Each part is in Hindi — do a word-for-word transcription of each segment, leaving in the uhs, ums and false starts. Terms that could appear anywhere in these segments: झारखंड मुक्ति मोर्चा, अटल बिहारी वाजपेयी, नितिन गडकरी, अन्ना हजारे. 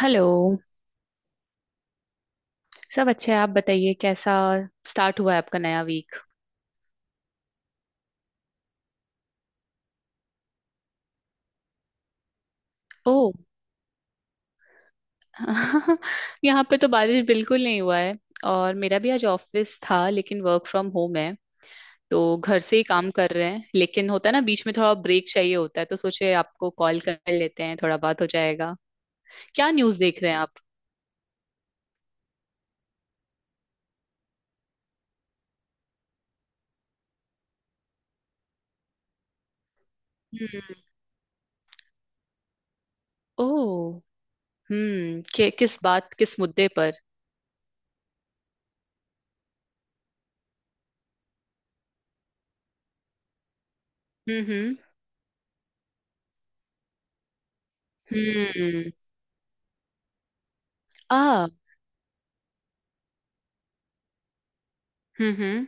हेलो। सब अच्छे हैं, आप बताइए, कैसा स्टार्ट हुआ है आपका नया वीक? ओह। यहाँ पे तो बारिश बिल्कुल नहीं हुआ है। और मेरा भी आज ऑफिस था, लेकिन वर्क फ्रॉम होम है, तो घर से ही काम कर रहे हैं। लेकिन होता है ना, बीच में थोड़ा ब्रेक चाहिए होता है, तो सोचे आपको कॉल कर लेते हैं, थोड़ा बात हो जाएगा। क्या न्यूज़ देख रहे हैं आप? हम्म। ओह। हम्म कि, किस बात किस मुद्दे पर? हम्म। हम्म। हम्म। आ हम्म। हम्म।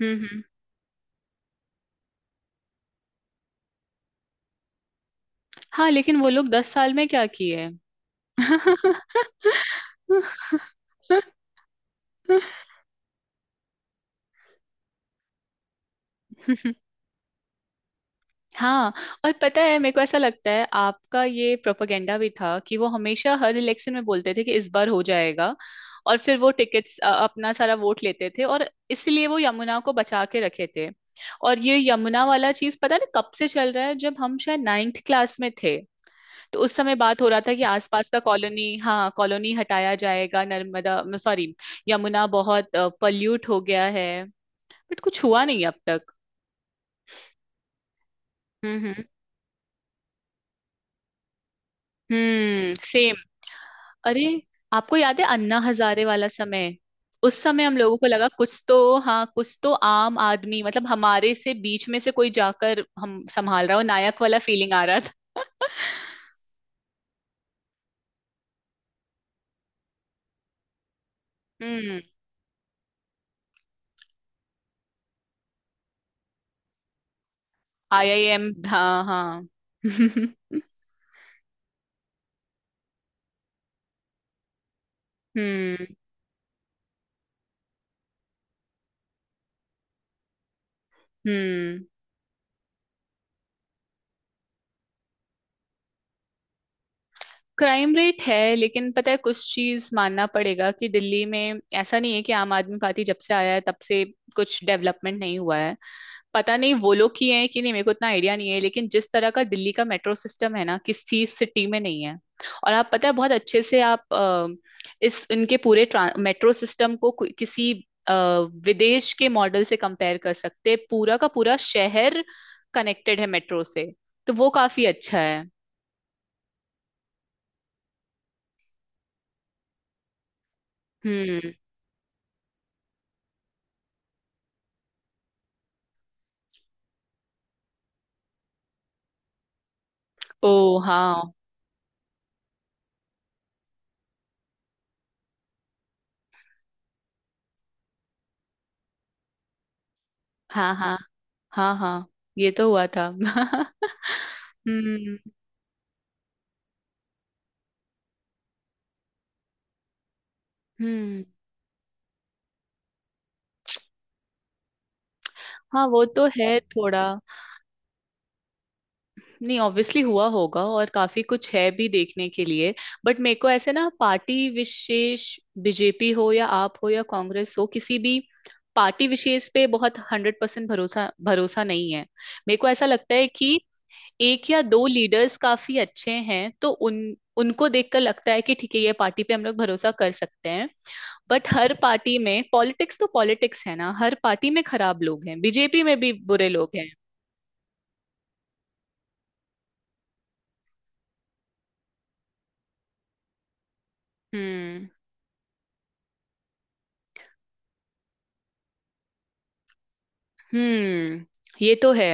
हम्म। हम्म। हाँ, लेकिन वो लोग दस साल में क्या किए? हाँ, और पता है मेरे को ऐसा लगता है आपका ये प्रोपेगेंडा भी था कि वो हमेशा हर इलेक्शन में बोलते थे कि इस बार हो जाएगा। और फिर वो टिकट्स अपना सारा वोट लेते थे और इसलिए वो यमुना को बचा के रखे थे। और ये यमुना वाला चीज पता नहीं कब से चल रहा है, जब हम शायद नाइन्थ क्लास में थे, तो उस समय बात हो रहा था कि आसपास का कॉलोनी, हाँ, कॉलोनी हटाया जाएगा, नर्मदा, सॉरी, यमुना बहुत पल्यूट हो गया है। बट कुछ हुआ नहीं है अब तक। हम्म। हम्म। हम्म, सेम। अरे, आपको याद है अन्ना हजारे वाला समय? उस समय हम लोगों को लगा कुछ तो, हाँ, कुछ तो आम आदमी मतलब हमारे से बीच में से कोई जाकर हम संभाल रहा हो, नायक वाला फीलिंग आ रहा था। हम्म। आई आई एम, हाँ हाँ। हम्म। हम्म। क्राइम रेट है, लेकिन पता है कुछ चीज मानना पड़ेगा कि दिल्ली में ऐसा नहीं है कि आम आदमी पार्टी जब से आया है तब से कुछ डेवलपमेंट नहीं हुआ है। पता नहीं वो लोग किए हैं कि नहीं, मेरे को इतना आइडिया नहीं है, लेकिन जिस तरह का दिल्ली का मेट्रो सिस्टम है ना, किसी सिटी में नहीं है। और आप पता है, बहुत अच्छे से आप अ, इस इनके पूरे मेट्रो सिस्टम को कोई- किसी अ, विदेश के मॉडल से कंपेयर कर सकते हैं। पूरा का पूरा शहर कनेक्टेड है मेट्रो से, तो वो काफी अच्छा है। हम्म। ओ हाँ हाँ। हाँ हाँ। हाँ, ये तो हुआ था। हम्म। हम्म। हाँ, वो तो है थोड़ा। नहीं, ऑब्वियसली हुआ होगा और काफी कुछ है भी देखने के लिए। बट मेरे को ऐसे ना पार्टी विशेष, बी जे पी हो या आप हो या कांग्रेस हो, किसी भी पार्टी विशेष पे बहुत हंड्रेड परसेंट भरोसा भरोसा नहीं है। मेरे को ऐसा लगता है कि एक या दो लीडर्स काफी अच्छे हैं, तो उन उनको देखकर लगता है कि ठीक है, ये पार्टी पे हम लोग भरोसा कर सकते हैं। बट हर पार्टी में पॉलिटिक्स तो पॉलिटिक्स है ना, हर पार्टी में खराब लोग हैं, बी जे पी में भी बुरे लोग हैं। हम्म। हम्म। ये तो है।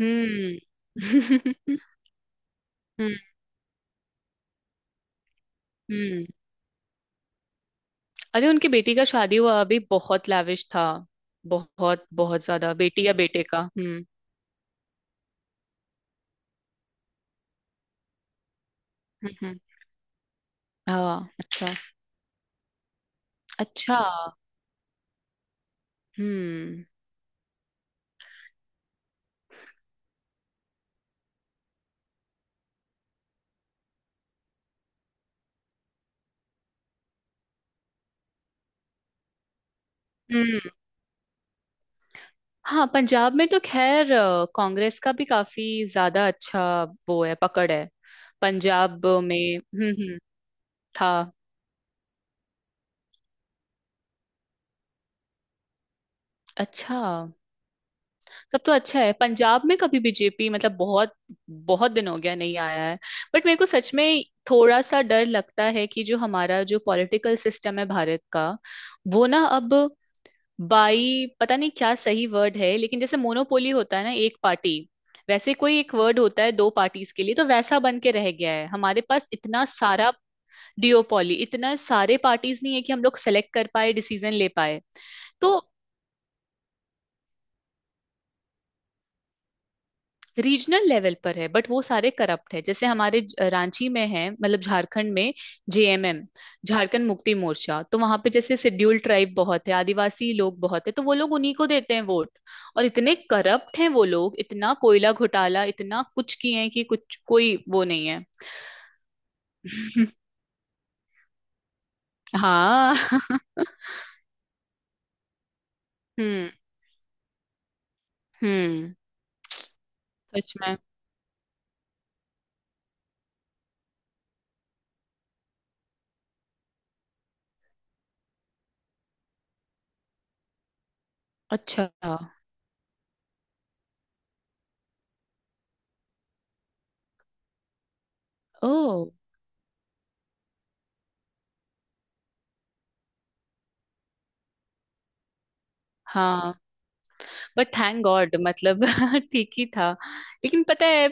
हम्म। हम्म। हम्म। अरे, उनकी बेटी का शादी हुआ अभी, बहुत लाविश था, बहुत बहुत ज्यादा, बेटी या बेटे का, हम्म। हम्म। हम्म, हाँ अच्छा। अच्छा। हम्म। हम्म। हाँ, पंजाब में तो खैर अ, कांग्रेस का भी काफी ज्यादा अच्छा वो है, पकड़ है पंजाब में। हम्म। हम्म। था। अच्छा। तब तो अच्छा है। पंजाब में कभी बी जे पी मतलब बहुत बहुत दिन हो गया नहीं आया है। बट मेरे को सच में थोड़ा सा डर लगता है कि जो हमारा जो पॉलिटिकल सिस्टम है भारत का, वो ना अब बाई, पता नहीं क्या सही वर्ड है, लेकिन जैसे मोनोपोली होता है ना एक पार्टी, वैसे कोई एक वर्ड होता है दो पार्टीज के लिए, तो वैसा बन के रह गया है। हमारे पास इतना सारा डियोपॉली, इतना सारे पार्टीज नहीं है कि हम लोग सेलेक्ट कर पाए, डिसीजन ले पाए। तो रीजनल लेवल पर है, बट वो सारे करप्ट है, जैसे हमारे ज- रांची में है, मतलब झारखंड में। जे एम एम, झारखंड मुक्ति मोर्चा, तो वहां पे जैसे शेड्यूल्ड ट्राइब बहुत है, आदिवासी लोग बहुत है, तो वो लोग उन्हीं को देते हैं वोट। और इतने करप्ट हैं वो लोग, इतना कोयला घोटाला, इतना कुछ किए हैं कि कुछ कोई वो नहीं है। हाँ। हम्म। हम्म। सच में। अच्छा। ओ हाँ। बट थैंक गॉड मतलब ठीक ही था। लेकिन पता है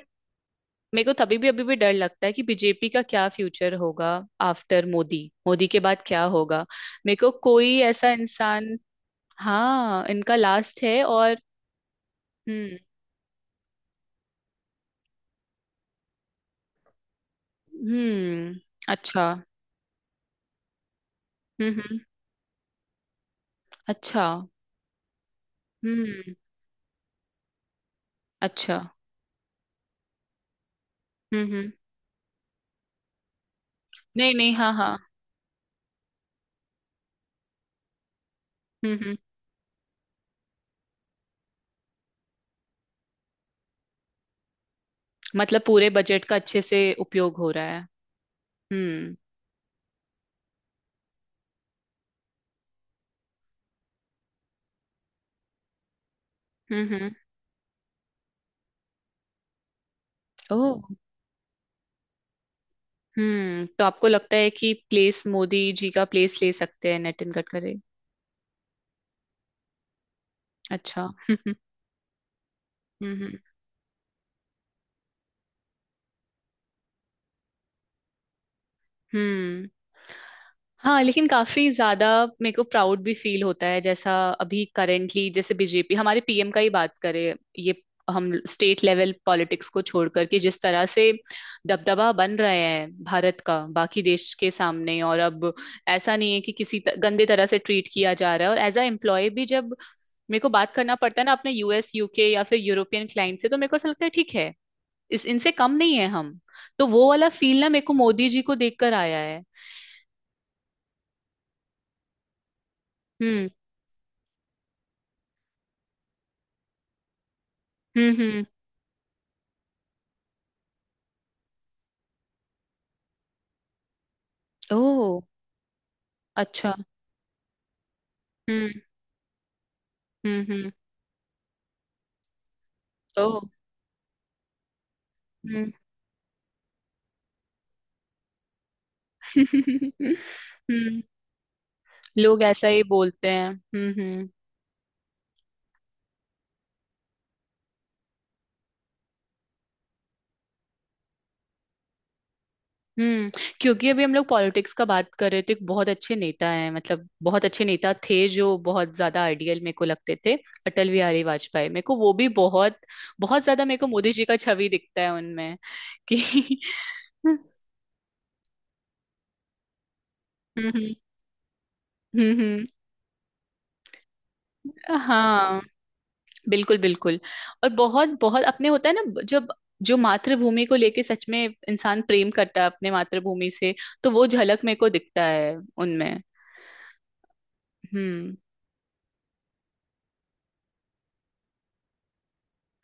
मेरे को तभी भी अभी भी डर लगता है कि बी जे पी का क्या फ्यूचर होगा आफ्टर मोदी, मोदी के बाद क्या होगा। मेरे को कोई ऐसा इंसान, हाँ, इनका लास्ट है और, हम्म। हम्म। अच्छा। हम्म। हम्म। अच्छा। हम्म। अच्छा। हम्म। हम्म। नहीं नहीं, हाँ हाँ। हम्म। हम्म। मतलब पूरे बजट का अच्छे से उपयोग हो रहा है। हम्म। हम्म। हम्म। ओ। हम्म, तो आपको लगता है कि प्लेस मोदी जी का प्लेस ले सकते हैं नितिन गडकरी? अच्छा। हम्म। हम्म। हम्म। हम्म। हाँ, लेकिन काफी ज्यादा मेरे को प्राउड भी फील होता है, जैसा अभी करेंटली जैसे बी जे पी हमारे पी एम का ही बात करें ये, हम स्टेट लेवल पॉलिटिक्स को छोड़ करके जिस तरह से दबदबा बन रहा है भारत का बाकी देश के सामने, और अब ऐसा नहीं है कि किसी त, गंदे तरह से ट्रीट किया जा रहा है। और एज अ एम्प्लॉय भी जब मेरे को बात करना पड़ता है ना अपने यू एस, यू के या फिर यूरोपियन क्लाइंट से, तो मेरे को ऐसा लगता है ठीक है, इस इनसे कम नहीं है हम, तो वो वाला फील ना मेरे को मोदी जी को देखकर आया है। हम्म। हम्म। हम्म। ओह। अच्छा। हम्म। हम्म। हम्म। ओह। हम्म। हम्म। लोग ऐसा ही बोलते हैं। हम्म। हम्म। हम्म। क्योंकि अभी हम लोग पॉलिटिक्स का बात कर रहे थे, एक बहुत अच्छे नेता हैं मतलब बहुत अच्छे नेता थे, जो बहुत ज्यादा आइडियल मेरे को लगते थे, अटल बिहारी वाजपेयी, मेरे को वो भी बहुत बहुत ज्यादा, मेरे को मोदी जी का छवि दिखता है उनमें कि। हम्म। हम्म। हम्म। हाँ, बिल्कुल बिल्कुल। और बहुत बहुत अपने होता है ना जब, जो मातृभूमि को लेके सच में इंसान प्रेम करता है अपने मातृभूमि से, तो वो झलक मेरे को दिखता है उनमें। हम्म।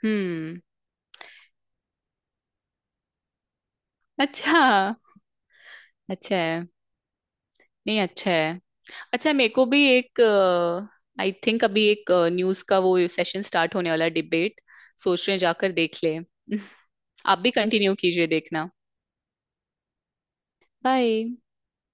हम्म। अच्छा। अच्छा है। नहीं, अच्छा है। अच्छा, मेरे को भी एक आई थिंक अभी एक न्यूज का वो सेशन स्टार्ट होने वाला डिबेट, सोच रहे हैं जाकर देख ले। आप भी कंटिन्यू कीजिए देखना। बाय।